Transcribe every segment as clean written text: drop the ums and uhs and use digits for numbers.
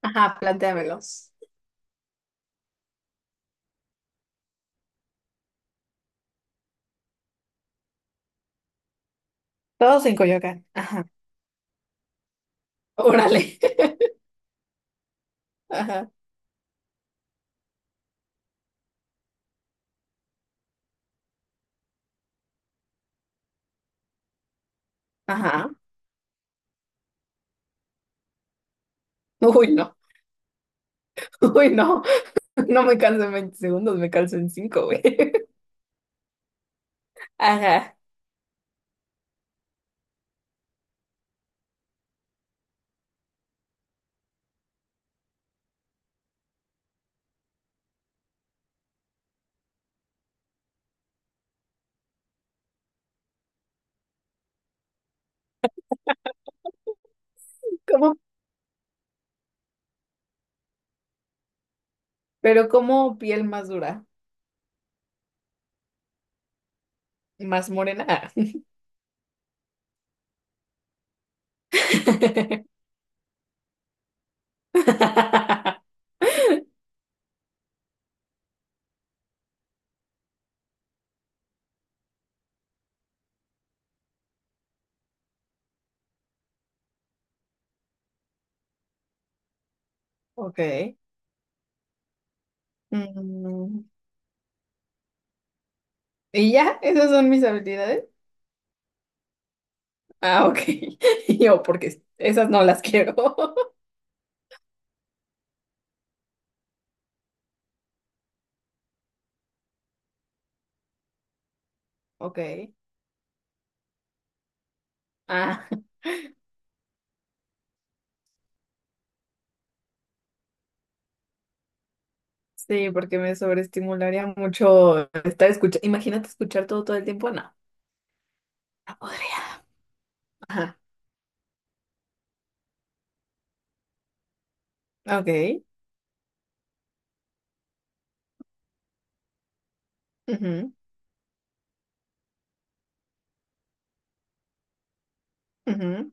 Ajá, plantéamelos. Todos en Coyoacán. Ajá, órale. Ajá, ajá. Uy, no. Uy, no. No me canso en 20 segundos, me canso en 5, güey. Ajá. ¿Cómo? Pero ¿cómo piel más dura? Más morena. Ah. Ok. Mm, ¿y ya? ¿Esas son mis habilidades? Ah, ok. Yo, porque esas no las quiero. Ok. Ah. Sí, porque me sobreestimularía mucho estar escuchando. Imagínate escuchar todo todo el tiempo, no, no podría. Ajá, ok. Ujú, ujú.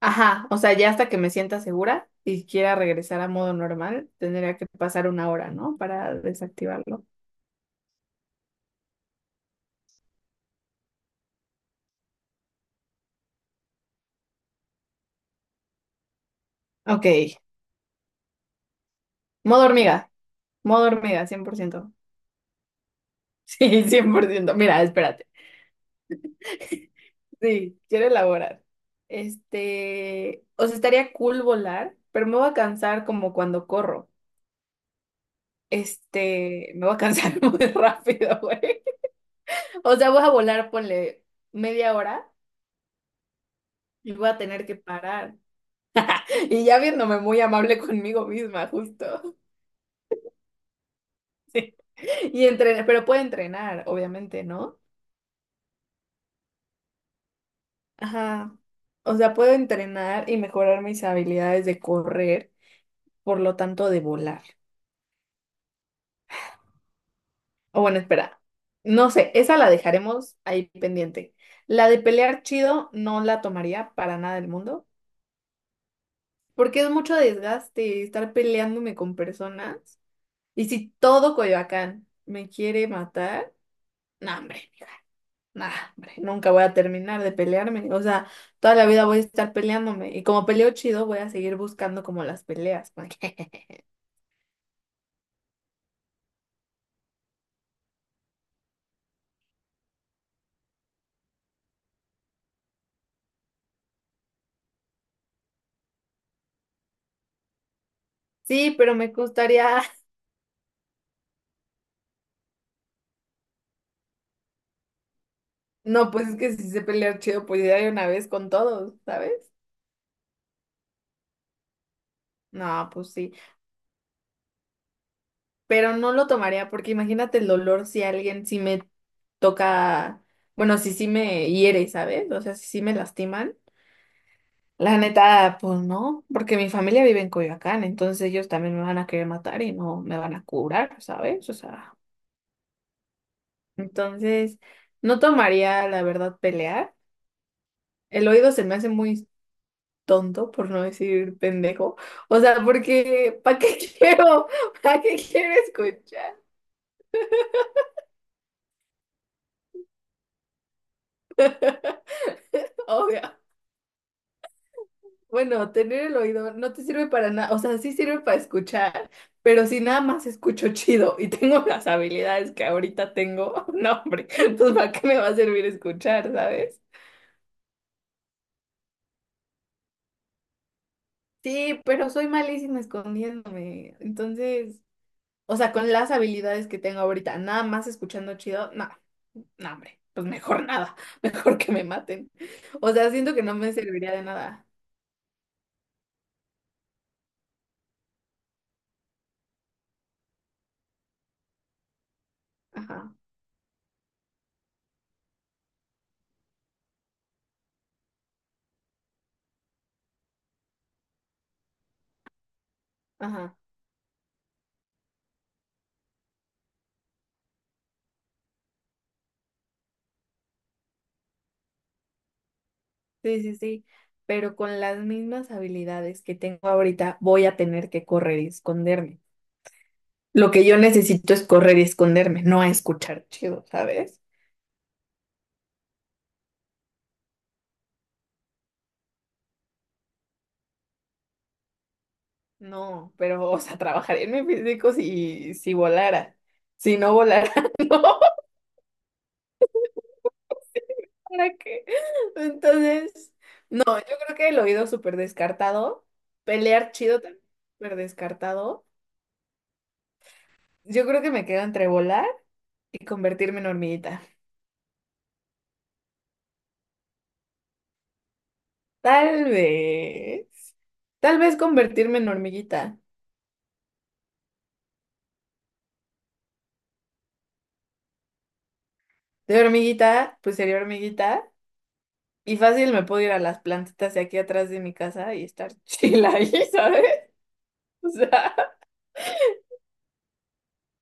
Ajá, o sea, ya hasta que me sienta segura y quiera regresar a modo normal, tendría que pasar una hora, ¿no? Para desactivarlo. Ok, modo hormiga, modo hormiga, 100%. Sí, 100%. Mira, espérate. Sí, quiero elaborar. Este, o sea, estaría cool volar, pero me voy a cansar como cuando corro. Este, me voy a cansar muy rápido, güey. O sea, voy a volar, ponle media hora y voy a tener que parar. Y ya viéndome muy amable conmigo misma, justo. Y entrenar, pero puedo entrenar, obviamente, ¿no? Ajá. O sea, puedo entrenar y mejorar mis habilidades de correr, por lo tanto, de volar. O bueno, espera. No sé, esa la dejaremos ahí pendiente. La de pelear chido no la tomaría para nada del mundo. Porque es mucho desgaste estar peleándome con personas. Y si todo Coyoacán me quiere matar, no, hombre, no, hombre, nunca voy a terminar de pelearme. O sea, toda la vida voy a estar peleándome. Y como peleo chido, voy a seguir buscando como las peleas. Porque, sí, pero me gustaría. No, pues es que si sé pelear chido, pues ya de una vez con todos, ¿sabes? No, pues sí. Pero no lo tomaría porque imagínate el dolor si alguien sí me toca, bueno, si sí me hiere, ¿sabes? O sea, si sí me lastiman. La neta, pues no, porque mi familia vive en Coyoacán, entonces ellos también me van a querer matar y no me van a curar, ¿sabes? O sea, entonces no tomaría, la verdad, pelear. El oído se me hace muy tonto, por no decir pendejo. O sea, porque ¿para qué quiero? ¿Para qué quiero escuchar? Obvio. Bueno, tener el oído no te sirve para nada, o sea, sí sirve para escuchar, pero si nada más escucho chido y tengo las habilidades que ahorita tengo, no, hombre, pues ¿para qué me va a servir escuchar, sabes? Sí, pero soy malísima escondiéndome, entonces, o sea, con las habilidades que tengo ahorita, nada más escuchando chido, no, no, hombre, pues mejor nada, mejor que me maten. O sea, siento que no me serviría de nada. Ajá, ajá. Sí, sí, sí, pero con las mismas habilidades que tengo ahorita voy a tener que correr y esconderme. Lo que yo necesito es correr y esconderme, no a escuchar chido, ¿sabes? No, pero, o sea, trabajaría en mi físico si volara. Si no volara, no, ¿para qué? Entonces, yo creo que el oído súper descartado, pelear chido también súper descartado. Yo creo que me quedo entre volar y convertirme en hormiguita. Tal vez. Tal vez convertirme en hormiguita. De hormiguita, pues sería hormiguita. Y fácil me puedo ir a las plantitas de aquí atrás de mi casa y estar chila ahí, ¿sabes? O sea,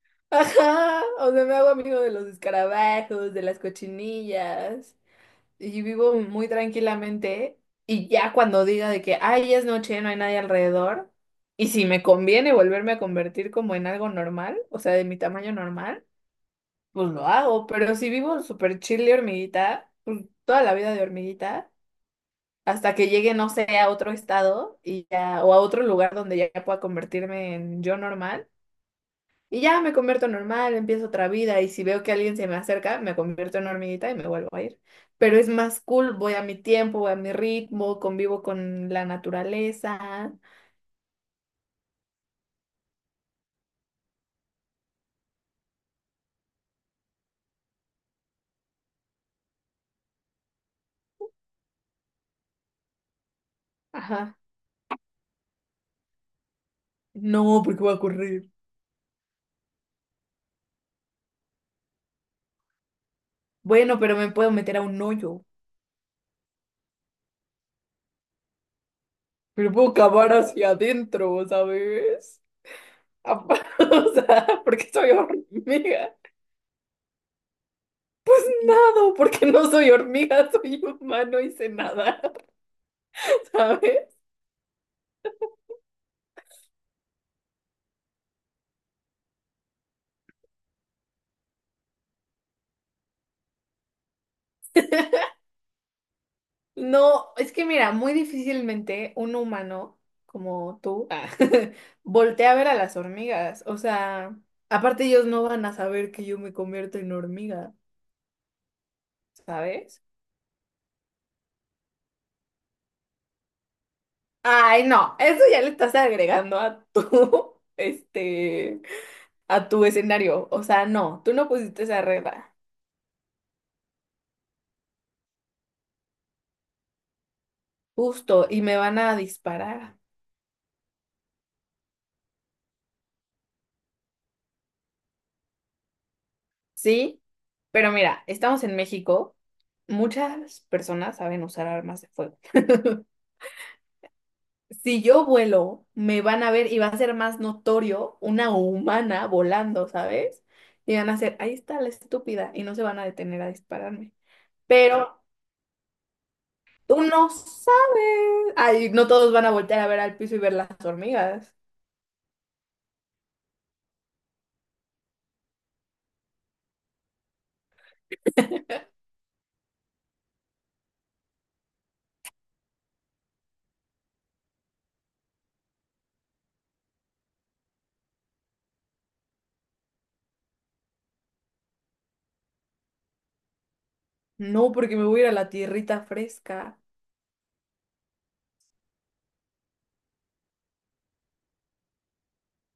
ajá. O sea, me hago amigo de los escarabajos, de las cochinillas. Y vivo muy tranquilamente. Y ya cuando diga de que, ay, ya es noche, no hay nadie alrededor. Y si me conviene volverme a convertir como en algo normal, o sea, de mi tamaño normal. Pues lo hago, pero si vivo súper chill de hormiguita, pues toda la vida de hormiguita, hasta que llegue, no sé, a otro estado y ya, o a otro lugar donde ya pueda convertirme en yo normal, y ya me convierto en normal, empiezo otra vida, y si veo que alguien se me acerca, me convierto en hormiguita y me vuelvo a ir. Pero es más cool, voy a mi tiempo, voy a mi ritmo, convivo con la naturaleza. Ajá. No, porque voy a correr. Bueno, pero me puedo meter a un hoyo. Pero puedo cavar hacia adentro, ¿sabes? O sea, porque soy hormiga. Nado, porque no soy hormiga, soy humano y sé nadar, ¿sabes? No, es que mira, muy difícilmente un humano como tú ah, voltea a ver a las hormigas. O sea, aparte ellos no van a saber que yo me convierto en hormiga, ¿sabes? Ay, no, eso ya le estás agregando a tu, este, a tu escenario. O sea, no, tú no pusiste esa regla. Justo, y me van a disparar. Sí, pero mira, estamos en México. Muchas personas saben usar armas de fuego. Si yo vuelo, me van a ver y va a ser más notorio una humana volando, ¿sabes? Y van a hacer, ahí está la estúpida, y no se van a detener a dispararme. Pero tú no sabes. Ay, no todos van a voltear a ver al piso y ver las hormigas. No, porque me voy a ir a la tierrita fresca.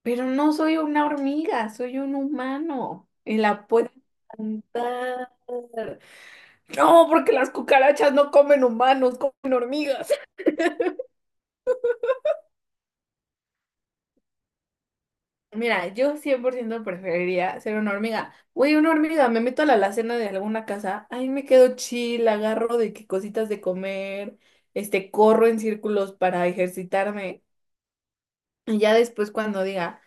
Pero no soy una hormiga, soy un humano y la puedo cantar. No, porque las cucarachas no comen humanos, comen hormigas. Mira, yo 100% preferiría ser una hormiga. Güey, una hormiga, me meto a la alacena de alguna casa, ahí me quedo chill, agarro de que cositas de comer, este, corro en círculos para ejercitarme y ya después cuando diga,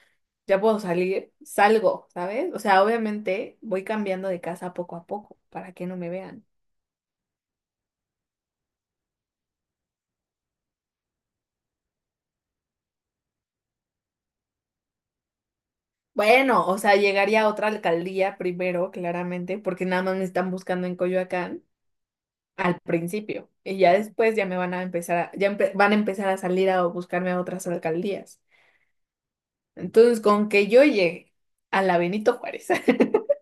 ya puedo salir, salgo, ¿sabes? O sea, obviamente voy cambiando de casa poco a poco para que no me vean. Bueno, o sea, llegaría a otra alcaldía primero, claramente, porque nada más me están buscando en Coyoacán al principio. Y ya después ya me van a empezar a, van a empezar a salir a buscarme a otras alcaldías. Entonces, con que yo llegue a la Benito Juárez.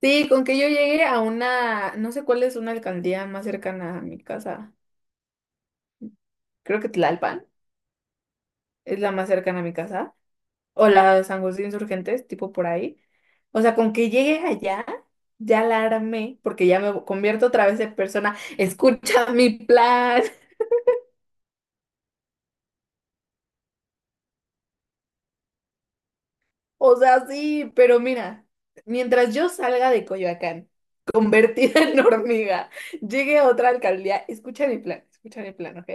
Sí, con que yo llegue a una, no sé cuál es una alcaldía más cercana a mi casa. Creo que Tlalpan es la más cercana a mi casa. O la San José de Insurgentes, tipo por ahí. O sea, con que llegue allá, ya la armé, porque ya me convierto otra vez en persona, escucha mi plan. O sea, sí, pero mira, mientras yo salga de Coyoacán, convertida en hormiga, llegue a otra alcaldía, escucha mi plan, ¿ok?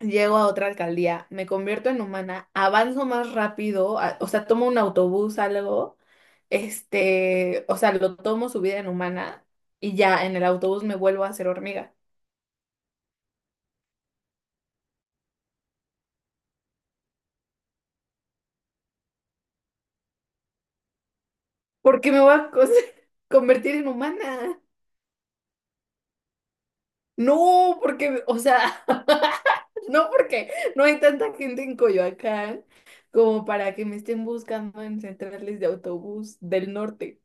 Llego a otra alcaldía, me convierto en humana, avanzo más rápido, o sea, tomo un autobús, algo, este, o sea, lo tomo subida en humana y ya en el autobús me vuelvo a hacer hormiga. ¿Porque me voy a convertir en humana? No, porque, o sea, no porque no hay tanta gente en Coyoacán como para que me estén buscando en centrales de autobús del norte.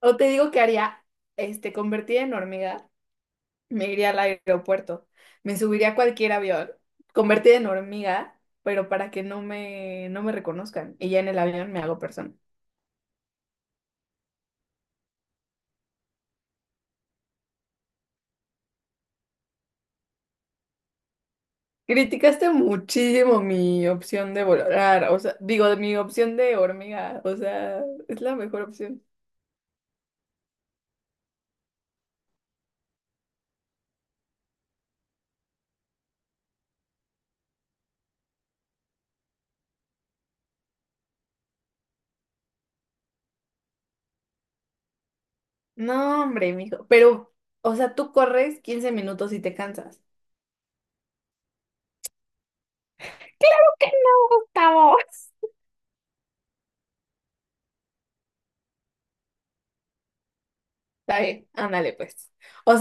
O te digo que haría, este, convertida en hormiga. Me iría al aeropuerto. Me subiría a cualquier avión, convertida en hormiga, pero para que no me reconozcan. Y ya en el avión me hago persona. Criticaste muchísimo mi opción de volar, o sea, digo, mi opción de hormiga, o sea, es la mejor opción. No, hombre, mijo, pero, o sea, tú corres 15 minutos y te cansas. ¿Por qué no, Gustavo? Está bien, ándale, pues. O